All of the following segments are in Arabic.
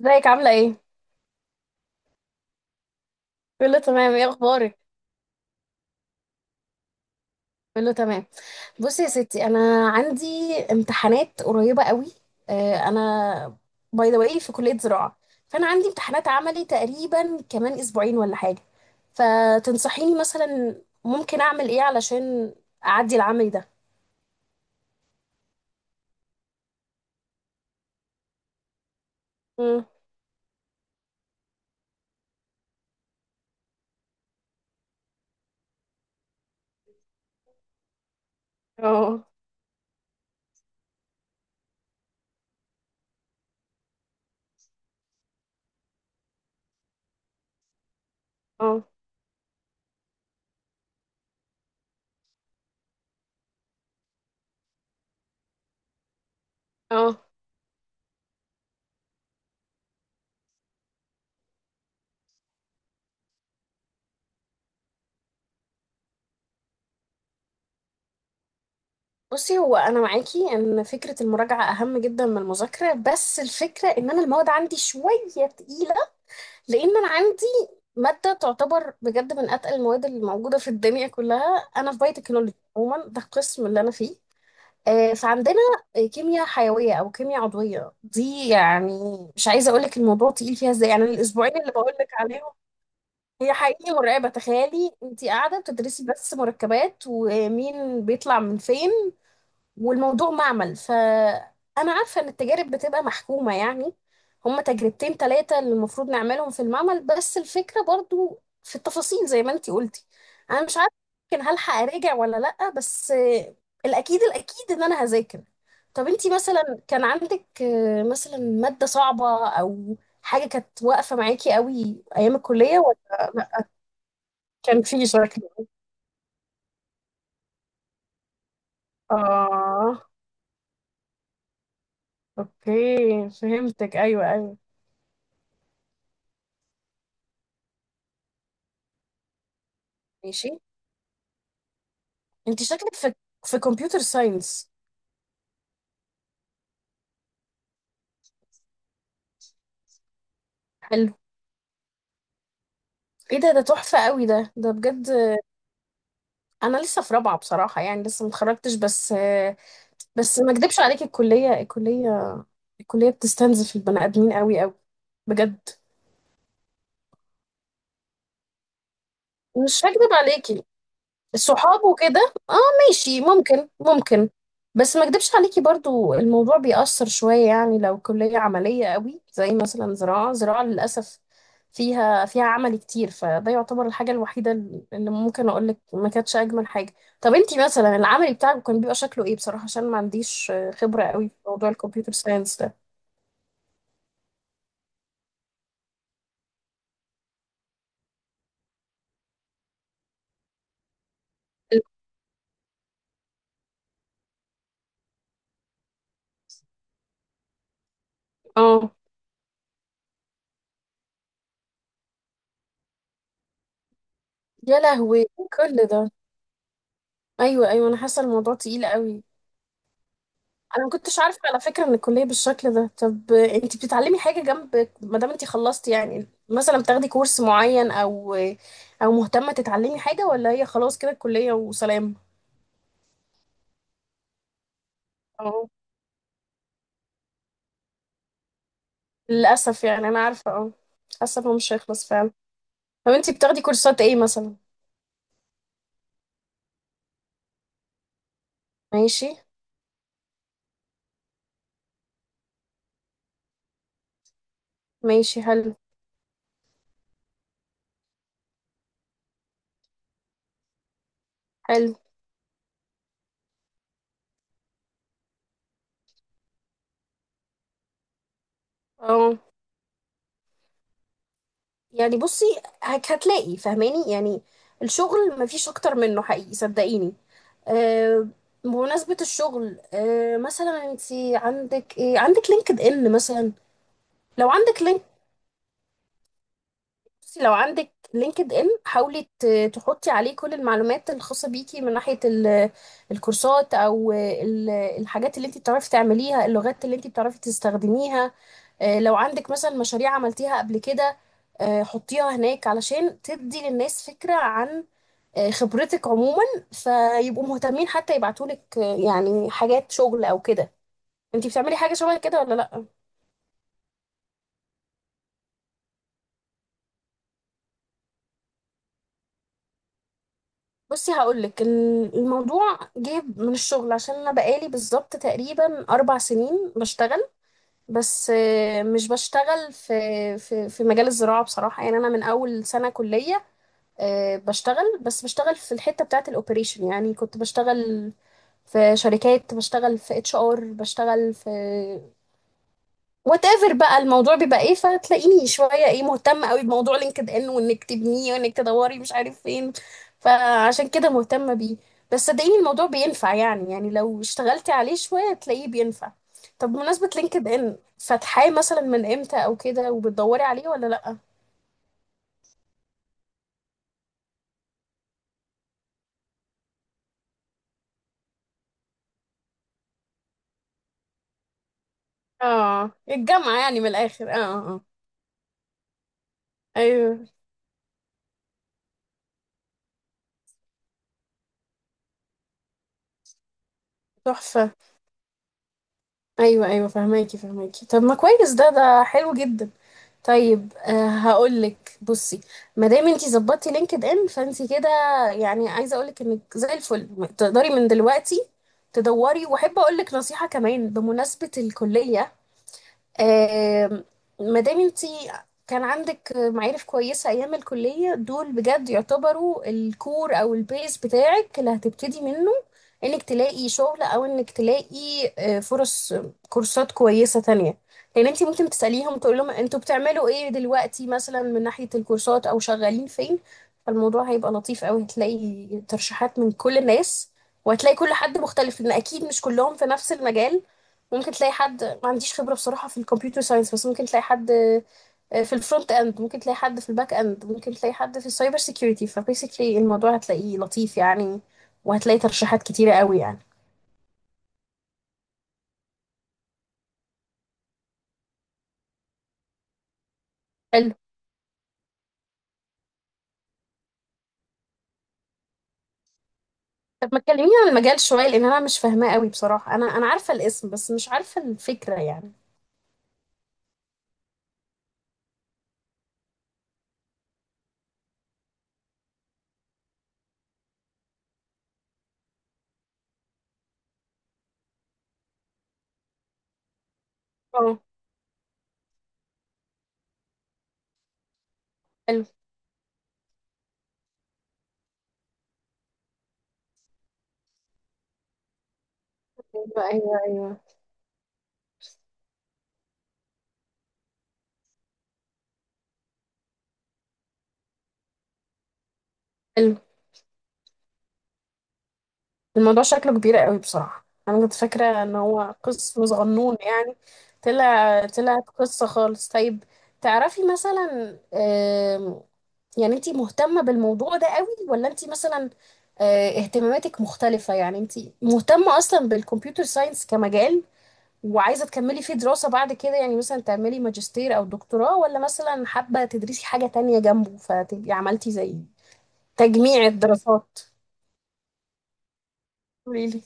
ازيك عاملة ايه؟ بقول له تمام، ايه اخبارك؟ بقول له تمام. بصي يا ستي انا عندي امتحانات قريبة قوي. انا باي ذا واي في كلية زراعة، فانا عندي امتحانات عملي تقريبا كمان اسبوعين ولا حاجة. فتنصحيني مثلا ممكن اعمل ايه علشان اعدي العملي ده؟ مم. اه. اه. اه. بصي هو انا معاكي ان فكرة المراجعة اهم جدا من المذاكرة، بس الفكرة ان انا المواد عندي شوية تقيلة. لان انا عندي ماده تعتبر بجد من اتقل المواد اللي موجوده في الدنيا كلها. انا في بايوتكنولوجي عموما، ده القسم اللي انا فيه. فعندنا كيمياء حيويه او كيمياء عضويه، دي يعني مش عايزه اقول لك الموضوع تقيل فيها ازاي، يعني الاسبوعين اللي بقول لك عليهم. هي حقيقي مرعبه، تخيلي انت قاعده بتدرسي بس مركبات ومين بيطلع من فين. والموضوع معمل، فأنا عارفة إن التجارب بتبقى محكومة يعني. هما تجربتين تلاتة اللي المفروض نعملهم في المعمل، بس الفكرة برضو في التفاصيل زي ما انتي قلتي. أنا مش عارفة يمكن هلحق أراجع ولا لأ، بس الأكيد إن أنا هذاكر. طب انتي مثلا كان عندك مثلا مادة صعبة أو حاجة كانت واقفة معاكي قوي أيام الكلية ولا لأ؟ كان في شكل. آه، أوكي فهمتك، أيوه أيوه. ماشي. انت شكلك في كمبيوتر ساينس. حلو. ايه ده؟ ده تحفة قوي، ده ده بجد. انا لسه في رابعة بصراحة، يعني لسه متخرجتش بس. بس ما اكدبش عليك، الكلية، الكلية بتستنزف البني ادمين قوي قوي، بجد. مش هكدب عليكي، صحابه كده، اه. ماشي، ممكن. بس ما اكدبش عليكي، برضو الموضوع بيأثر شوية يعني، لو كلية عملية قوي زي مثلا زراعة. زراعة للأسف فيها عمل كتير، فده يعتبر الحاجة الوحيدة اللي ممكن أقولك ما كانتش أجمل حاجة. طب انتي مثلا العمل بتاعك كان بيبقى شكله ايه بصراحة؟ عشان ما عنديش خبرة قوي في موضوع الكمبيوتر ساينس ده. اه. يا لهوي، كل ده؟ ايوه ايوه، انا حاسه الموضوع تقيل قوي. انا ما كنتش عارفه على فكره ان الكليه بالشكل ده. طب انت بتتعلمي حاجه جنب ما دام انت خلصتي؟ يعني مثلا بتاخدي كورس معين، او او مهتمه تتعلمي حاجه، ولا هي خلاص كده الكليه وسلام؟ اه، للاسف يعني انا عارفه. اه، للاسف هو مش هيخلص فعلا. طب انت بتاخدي كورسات ايه مثلا؟ ماشي. ماشي حلو. حلو. اه. يعني بصي، هتلاقي فاهماني يعني، الشغل مفيش اكتر منه حقيقي صدقيني. آه، بمناسبة الشغل، مثلا انت عندك ايه؟ عندك لينكد ان مثلا؟ لو عندك. بصي لو عندك لينكد ان، حاولي تحطي عليه كل المعلومات الخاصة بيكي من ناحية الكورسات، او الحاجات اللي انت بتعرفي تعمليها، اللغات اللي انت بتعرفي تستخدميها. لو عندك مثلا مشاريع عملتيها قبل كده، حطيها هناك علشان تدي للناس فكرة عن خبرتك عموما، فيبقوا مهتمين حتى يبعتولك يعني حاجات شغل او كده. انت بتعملي حاجة شبه كده ولا لا؟ بصي هقولك، الموضوع جه من الشغل، عشان انا بقالي بالظبط تقريبا اربع سنين بشتغل. بس مش بشتغل في في مجال الزراعة بصراحة، يعني انا من اول سنة كلية بشتغل، بس بشتغل في الحتة بتاعة الاوبريشن. يعني كنت بشتغل في شركات، بشتغل في اتش ار، بشتغل في وات ايفر بقى الموضوع بيبقى ايه. فتلاقيني شويه ايه مهتمه قوي بموضوع لينكد ان، وانك تبنيه، وانك تدوري مش عارف فين. فعشان كده مهتمه بيه. بس صدقيني الموضوع بينفع يعني، يعني لو اشتغلتي عليه شويه تلاقيه بينفع. طب بمناسبه لينكد ان، فاتحاه مثلا من امتى او كده وبتدوري عليه ولا لا؟ اه الجامعه يعني من الاخر، اه اه. ايوه تحفه. ايوه ايوه، فهماكي فهماكي. طب ما كويس، ده ده حلو جدا. طيب هقولك، بصي ما دام انتي ظبطتي لينكد ان فانتي كده، يعني عايزه اقولك انك زي الفل تقدري من دلوقتي تدوري. واحب اقولك نصيحه كمان بمناسبه الكليه. آم، ما دام انتي كان عندك معارف كويسة أيام الكلية، دول بجد يعتبروا الكور أو البيز بتاعك اللي هتبتدي منه إنك تلاقي شغل أو إنك تلاقي فرص كورسات كويسة تانية. لأن انتي ممكن تسأليهم تقول لهم انتوا بتعملوا ايه دلوقتي مثلا من ناحية الكورسات أو شغالين فين. فالموضوع هيبقى لطيف أوي، هتلاقي ترشيحات من كل الناس، وهتلاقي كل حد مختلف لأن أكيد مش كلهم في نفس المجال. ممكن تلاقي حد ما عنديش خبرة بصراحة في الكمبيوتر ساينس، بس ممكن تلاقي حد في الفرونت اند، ممكن تلاقي حد في الباك اند، ممكن تلاقي حد في السايبر سيكيورتي. فبيسكلي الموضوع هتلاقيه لطيف يعني، وهتلاقي ترشيحات كتيرة قوي يعني. حلو. طب ما تكلميني عن المجال شوية، لأن أنا مش فاهماه قوي بصراحة. أنا عارفة الاسم بس مش عارفة الفكرة يعني. اه. حلو. أيوه أيوه أيوه. حلو. الموضوع شكله كبير قوي بصراحة، انا كنت فاكرة ان هو قسم صغنون يعني. طلع قصة خالص. طيب تعرفي مثلا، يعني انتي مهتمة بالموضوع ده قوي، ولا انتي مثلا اهتماماتك مختلفة؟ يعني انتي مهتمة اصلا بالكمبيوتر ساينس كمجال، وعايزة تكملي فيه دراسة بعد كده، يعني مثلا تعملي ماجستير او دكتوراه، ولا مثلا حابة تدرسي حاجة تانية جنبه فتبقي عملتي زي تجميع الدراسات؟ قوليلي.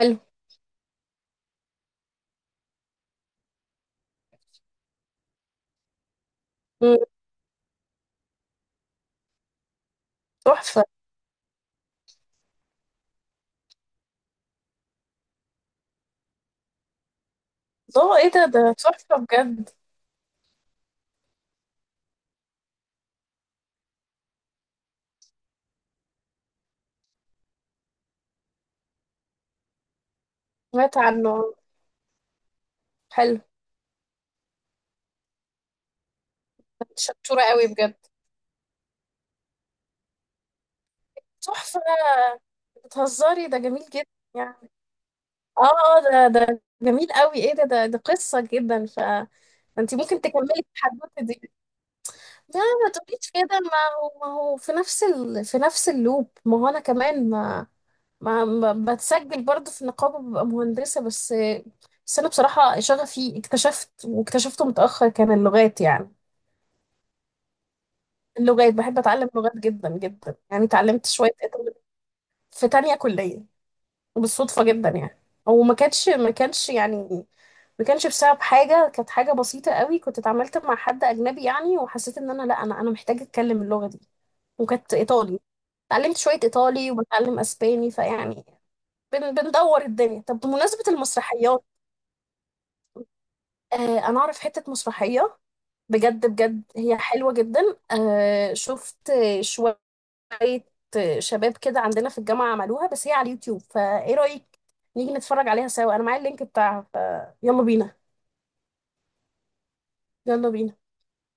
حلو. مم، تحفة. الله ايه ده؟ ده تحفة بجد. سمعت عنه. حلو. شطورة قوي بجد. تحفة. بتهزري؟ ده جميل جدا يعني. اه. اه. ده ده جميل قوي. ايه ده؟ ده ده قصة جدا، ف انت ممكن تكملي التحدوتة دي. لا ما تقوليش كده. ما هو ما هو في نفس ال... في نفس اللوب، ما هو انا كمان بتسجل برضه في النقابة ببقى مهندسة بس. بس انا بصراحة شغفي اكتشفت واكتشفته متأخر، كان اللغات يعني. اللغات بحب اتعلم لغات جدا جدا، يعني اتعلمت شويه ايطالي في تانية كليه. وبالصدفه جدا يعني، هو ما كانش يعني، ما كانش بسبب حاجه، كانت حاجه بسيطه قوي. كنت اتعاملت مع حد اجنبي يعني، وحسيت ان انا، لا انا محتاجه اتكلم اللغه دي. وكانت ايطالي، اتعلمت شويه ايطالي وبتعلم اسباني، فيعني بن بندور الدنيا. طب بمناسبه المسرحيات، آه انا اعرف حته مسرحيه، بجد بجد هي حلوه جدا. آه شفت شويه شوية شباب كده عندنا في الجامعة عملوها، بس هي على اليوتيوب. فايه رأيك نيجي نتفرج عليها سوا؟ انا معايا اللينك بتاعها. فيلا بينا. يلا بينا.